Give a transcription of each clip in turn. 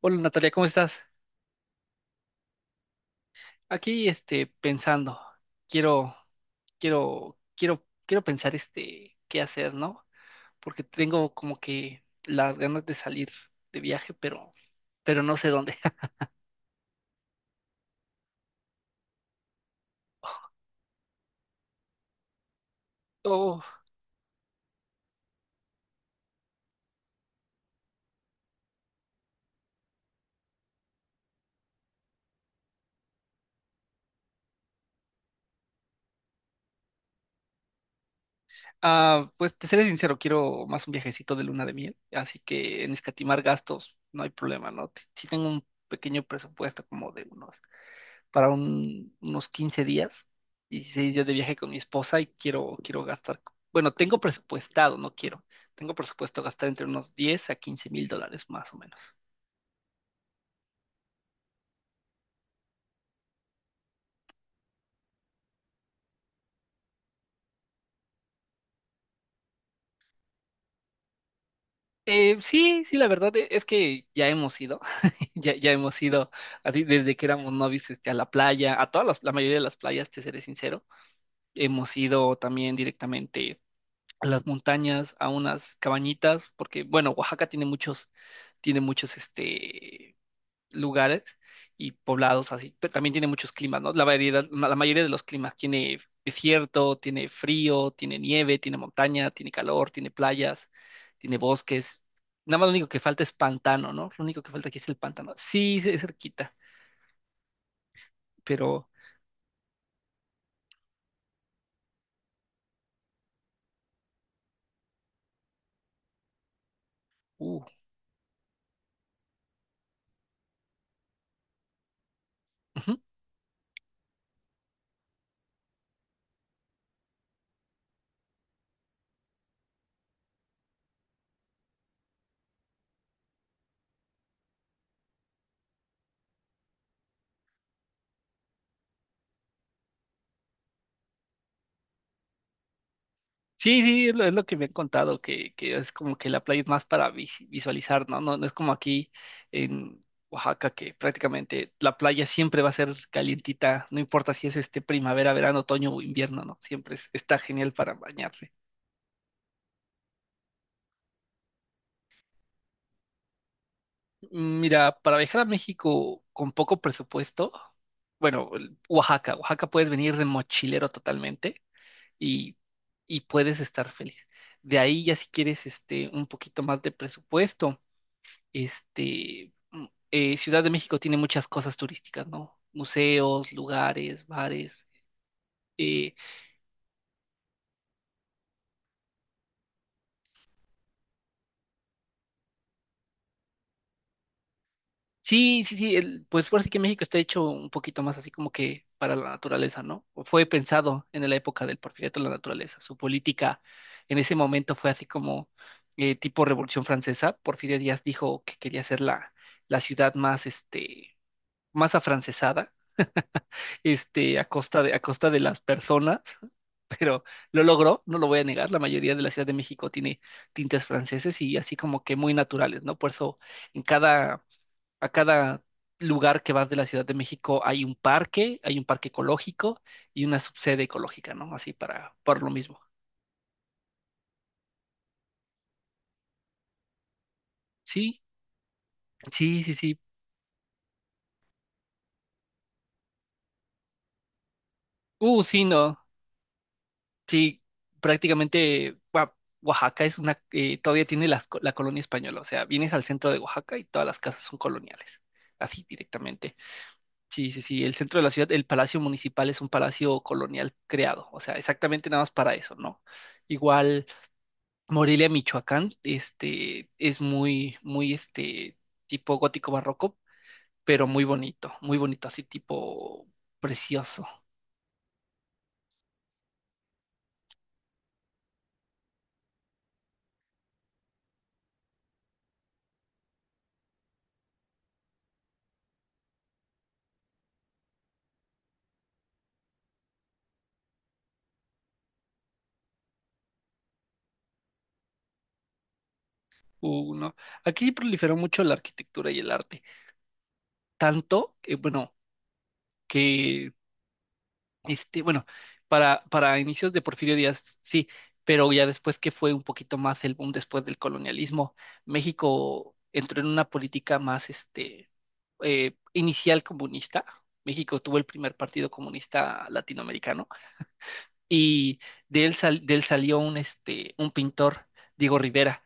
Hola Natalia, ¿cómo estás? Aquí pensando, quiero, quiero pensar qué hacer, ¿no? Porque tengo como que las ganas de salir de viaje, pero no sé dónde. Oh, pues te seré sincero, quiero más un viajecito de luna de miel, así que en escatimar gastos no hay problema, ¿no? Sí tengo un pequeño presupuesto como de unos para unos 15 días, 16 días de viaje con mi esposa y quiero gastar, bueno, tengo presupuestado, no quiero, tengo presupuesto gastar entre unos $10.000 a $15.000 más o menos. Sí, sí, la verdad es que ya hemos ido, ya hemos ido, así desde que éramos novios, a la playa, a la mayoría de las playas, te seré sincero, hemos ido también directamente a las montañas, a unas cabañitas, porque, bueno, Oaxaca tiene muchos, lugares y poblados así, pero también tiene muchos climas, ¿no? La variedad, la mayoría de los climas tiene desierto, tiene frío, tiene nieve, tiene montaña, tiene calor, tiene playas, tiene bosques. Nada más lo único que falta es pantano, ¿no? Lo único que falta aquí es el pantano. Sí, sí, es cerquita, pero... Uh, ujú. Sí, sí, es lo que me han contado, que es como que la playa es más para visualizar, ¿no? No, no es como aquí en Oaxaca, que prácticamente la playa siempre va a ser calientita, no importa si es primavera, verano, otoño o invierno, ¿no? Siempre está genial para bañarse. Mira, para viajar a México con poco presupuesto, bueno, Oaxaca, Oaxaca puedes venir de mochilero totalmente y, y puedes estar feliz. De ahí ya si quieres un poquito más de presupuesto. Ciudad de México tiene muchas cosas turísticas, ¿no? Museos, lugares, bares. eh, sí, sí, sí, pues por así que México está hecho un poquito más así como que para la naturaleza, ¿no? Fue pensado en la época del Porfiriato en la naturaleza. Su política en ese momento fue así como tipo Revolución Francesa. Porfirio Díaz dijo que quería hacer la, la ciudad más, más afrancesada a costa de las personas, pero lo logró, no lo voy a negar, la mayoría de la Ciudad de México tiene tintes franceses y así como que muy naturales, ¿no? Por eso en cada, a cada lugar que vas de la Ciudad de México hay un parque ecológico y una subsede ecológica, ¿no? Así para, por lo mismo. Sí, sí, sí, sí. Sí, no. Sí, prácticamente Oaxaca es una, todavía tiene la colonia española, o sea, vienes al centro de Oaxaca y todas las casas son coloniales, así directamente. Sí, sí, sí, el centro de la ciudad, el palacio municipal es un palacio colonial creado, o sea, exactamente nada más para eso, ¿no? Igual Morelia, Michoacán, es muy, muy, tipo gótico barroco, pero muy bonito, así tipo precioso. ¿No? Aquí sí proliferó mucho la arquitectura y el arte. Tanto que, bueno, que, bueno, para inicios de Porfirio Díaz, sí, pero ya después que fue un poquito más el boom después del colonialismo, México entró en una política más, inicial comunista. México tuvo el primer partido comunista latinoamericano y de él, de él salió un, un pintor, Diego Rivera,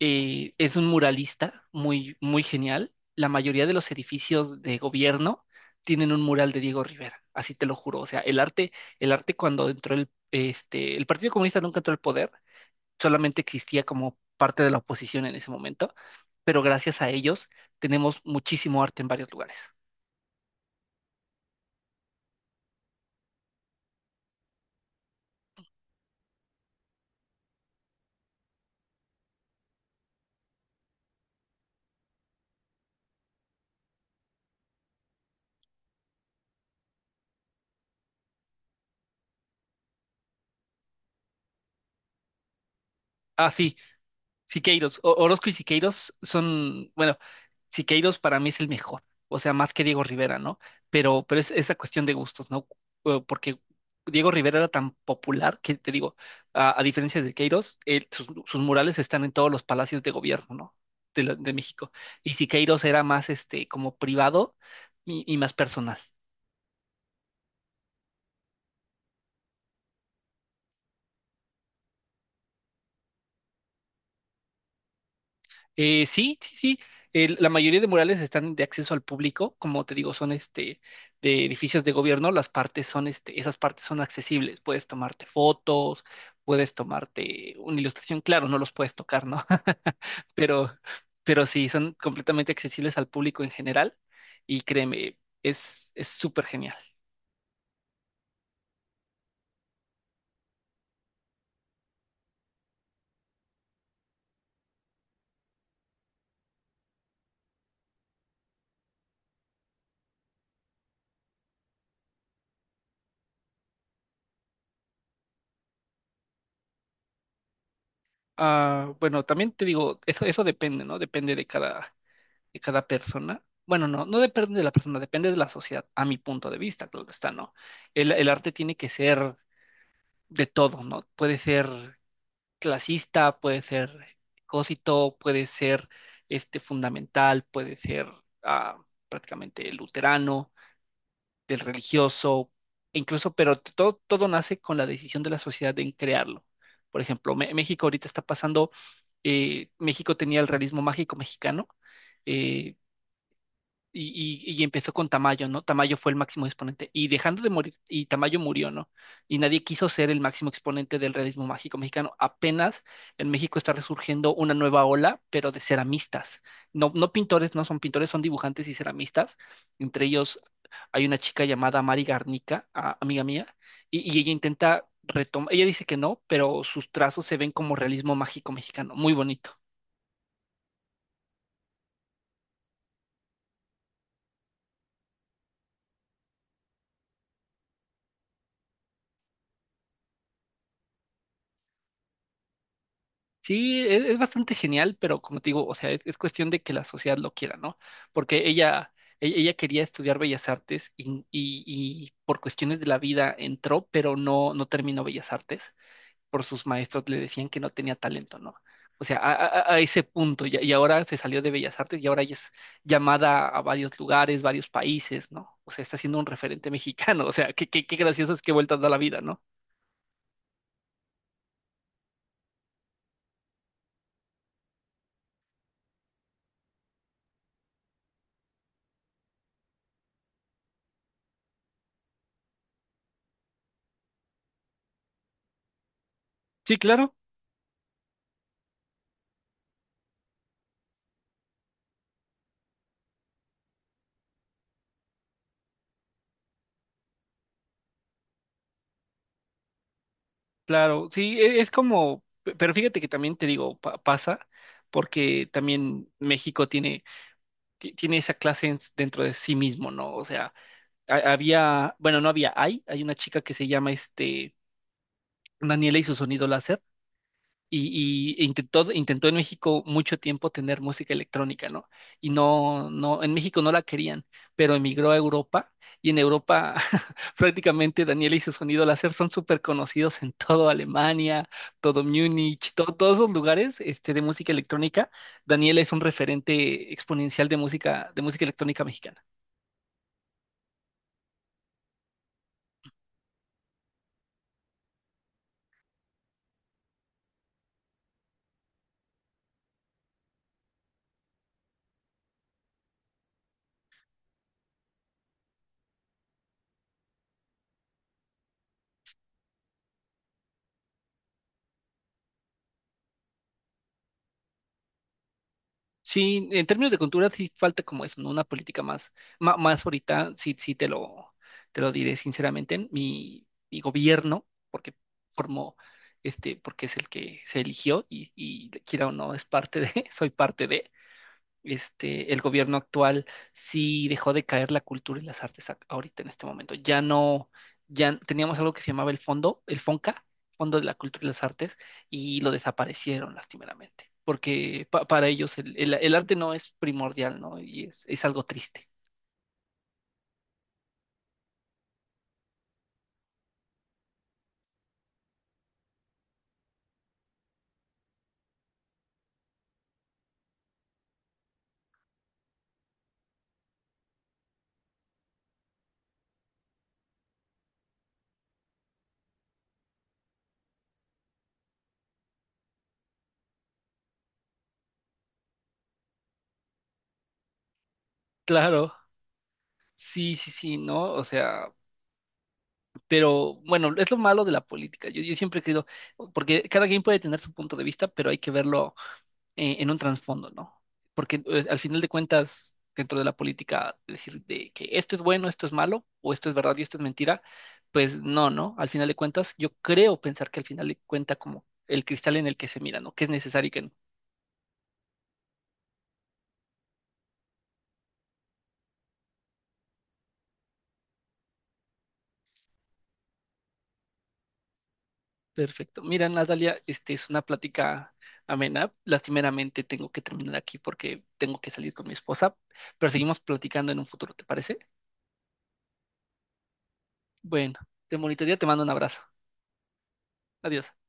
es un muralista muy, muy genial. La mayoría de los edificios de gobierno tienen un mural de Diego Rivera, así te lo juro. O sea, el arte cuando entró el, el Partido Comunista nunca entró al poder, solamente existía como parte de la oposición en ese momento, pero gracias a ellos tenemos muchísimo arte en varios lugares. Ah, sí, Siqueiros, Orozco y Siqueiros son, bueno, Siqueiros para mí es el mejor, o sea, más que Diego Rivera, ¿no? Pero es esa cuestión de gustos, ¿no? Porque Diego Rivera era tan popular que te digo, a diferencia de Siqueiros, sus, sus murales están en todos los palacios de gobierno, ¿no? De, de México. Y Siqueiros era más como privado y más personal. Sí, sí, sí. La mayoría de murales están de acceso al público, como te digo, son de edificios de gobierno, las partes son esas partes son accesibles. Puedes tomarte fotos, puedes tomarte una ilustración, claro, no los puedes tocar, ¿no? Pero, pero sí, son completamente accesibles al público en general, y créeme, es súper genial. Ah, bueno, también te digo, eso depende, ¿no? Depende de cada. De cada persona. Bueno, no, no depende de la persona, depende de la sociedad, a mi punto de vista, claro está, ¿no? El arte tiene que ser de todo, ¿no? Puede ser clasista, puede ser cosito, puede ser fundamental, puede ser ah, prácticamente luterano, del religioso, e incluso, pero todo, todo nace con la decisión de la sociedad en crearlo. Por ejemplo, México ahorita está pasando, México tenía el realismo mágico mexicano, eh, y, y empezó con Tamayo, ¿no? Tamayo fue el máximo exponente. Y dejando de morir, y Tamayo murió, ¿no? Y nadie quiso ser el máximo exponente del realismo mágico mexicano. Apenas en México está resurgiendo una nueva ola, pero de ceramistas. No, no pintores, no son pintores, son dibujantes y ceramistas. Entre ellos hay una chica llamada Mari Garnica, amiga mía, y ella intenta retomar, ella dice que no, pero sus trazos se ven como realismo mágico mexicano, muy bonito. Sí, es bastante genial, pero como te digo, o sea, es cuestión de que la sociedad lo quiera, ¿no? Porque ella, ella quería estudiar Bellas Artes y, y por cuestiones de la vida entró, pero no, no terminó Bellas Artes. Por sus maestros le decían que no tenía talento, ¿no? O sea, a, a ese punto, y ahora se salió de Bellas Artes y ahora ella es llamada a varios lugares, varios países, ¿no? O sea, está siendo un referente mexicano, o sea, qué, qué, qué graciosas que vueltas da la vida, ¿no? Sí, claro. Claro, sí, es como, pero fíjate que también te digo, pasa, porque también México tiene, tiene esa clase dentro de sí mismo, ¿no? O sea, había, bueno, no había, hay una chica que se llama Daniela y su sonido láser y, intentó en México mucho tiempo tener música electrónica, ¿no? Y no, no, en México no la querían, pero emigró a Europa y en Europa prácticamente Daniel y su sonido láser son súper conocidos en todo Alemania, todo Múnich, todos esos lugares de música electrónica. Daniel es un referente exponencial de música electrónica mexicana. Sí, en términos de cultura sí falta como eso, ¿no? Una política más, más, ahorita, sí, te lo diré sinceramente, mi gobierno, porque formó, porque es el que se eligió y quiera o no, soy parte de, el gobierno actual sí dejó de caer la cultura y las artes ahorita en este momento. Ya no, ya teníamos algo que se llamaba el fondo, el FONCA, Fondo de la Cultura y las Artes, y lo desaparecieron lastimeramente, porque para ellos el, el arte no es primordial, ¿no? Y es algo triste. Claro, sí, sí, sí, ¿no? O sea, pero bueno, es lo malo de la política. Yo siempre he creído, porque cada quien puede tener su punto de vista, pero hay que verlo en un trasfondo, ¿no? Porque al final de cuentas, dentro de la política, decir de que esto es bueno, esto es malo, o esto es verdad y esto es mentira, pues no, ¿no? Al final de cuentas, yo creo pensar que al final de cuenta como el cristal en el que se mira, ¿no? Que es necesario y que no. Perfecto. Mira, Natalia, este es una plática amena. Lastimeramente tengo que terminar aquí porque tengo que salir con mi esposa, pero seguimos platicando en un futuro, ¿te parece? Bueno, te bonito día, te mando un abrazo. Adiós.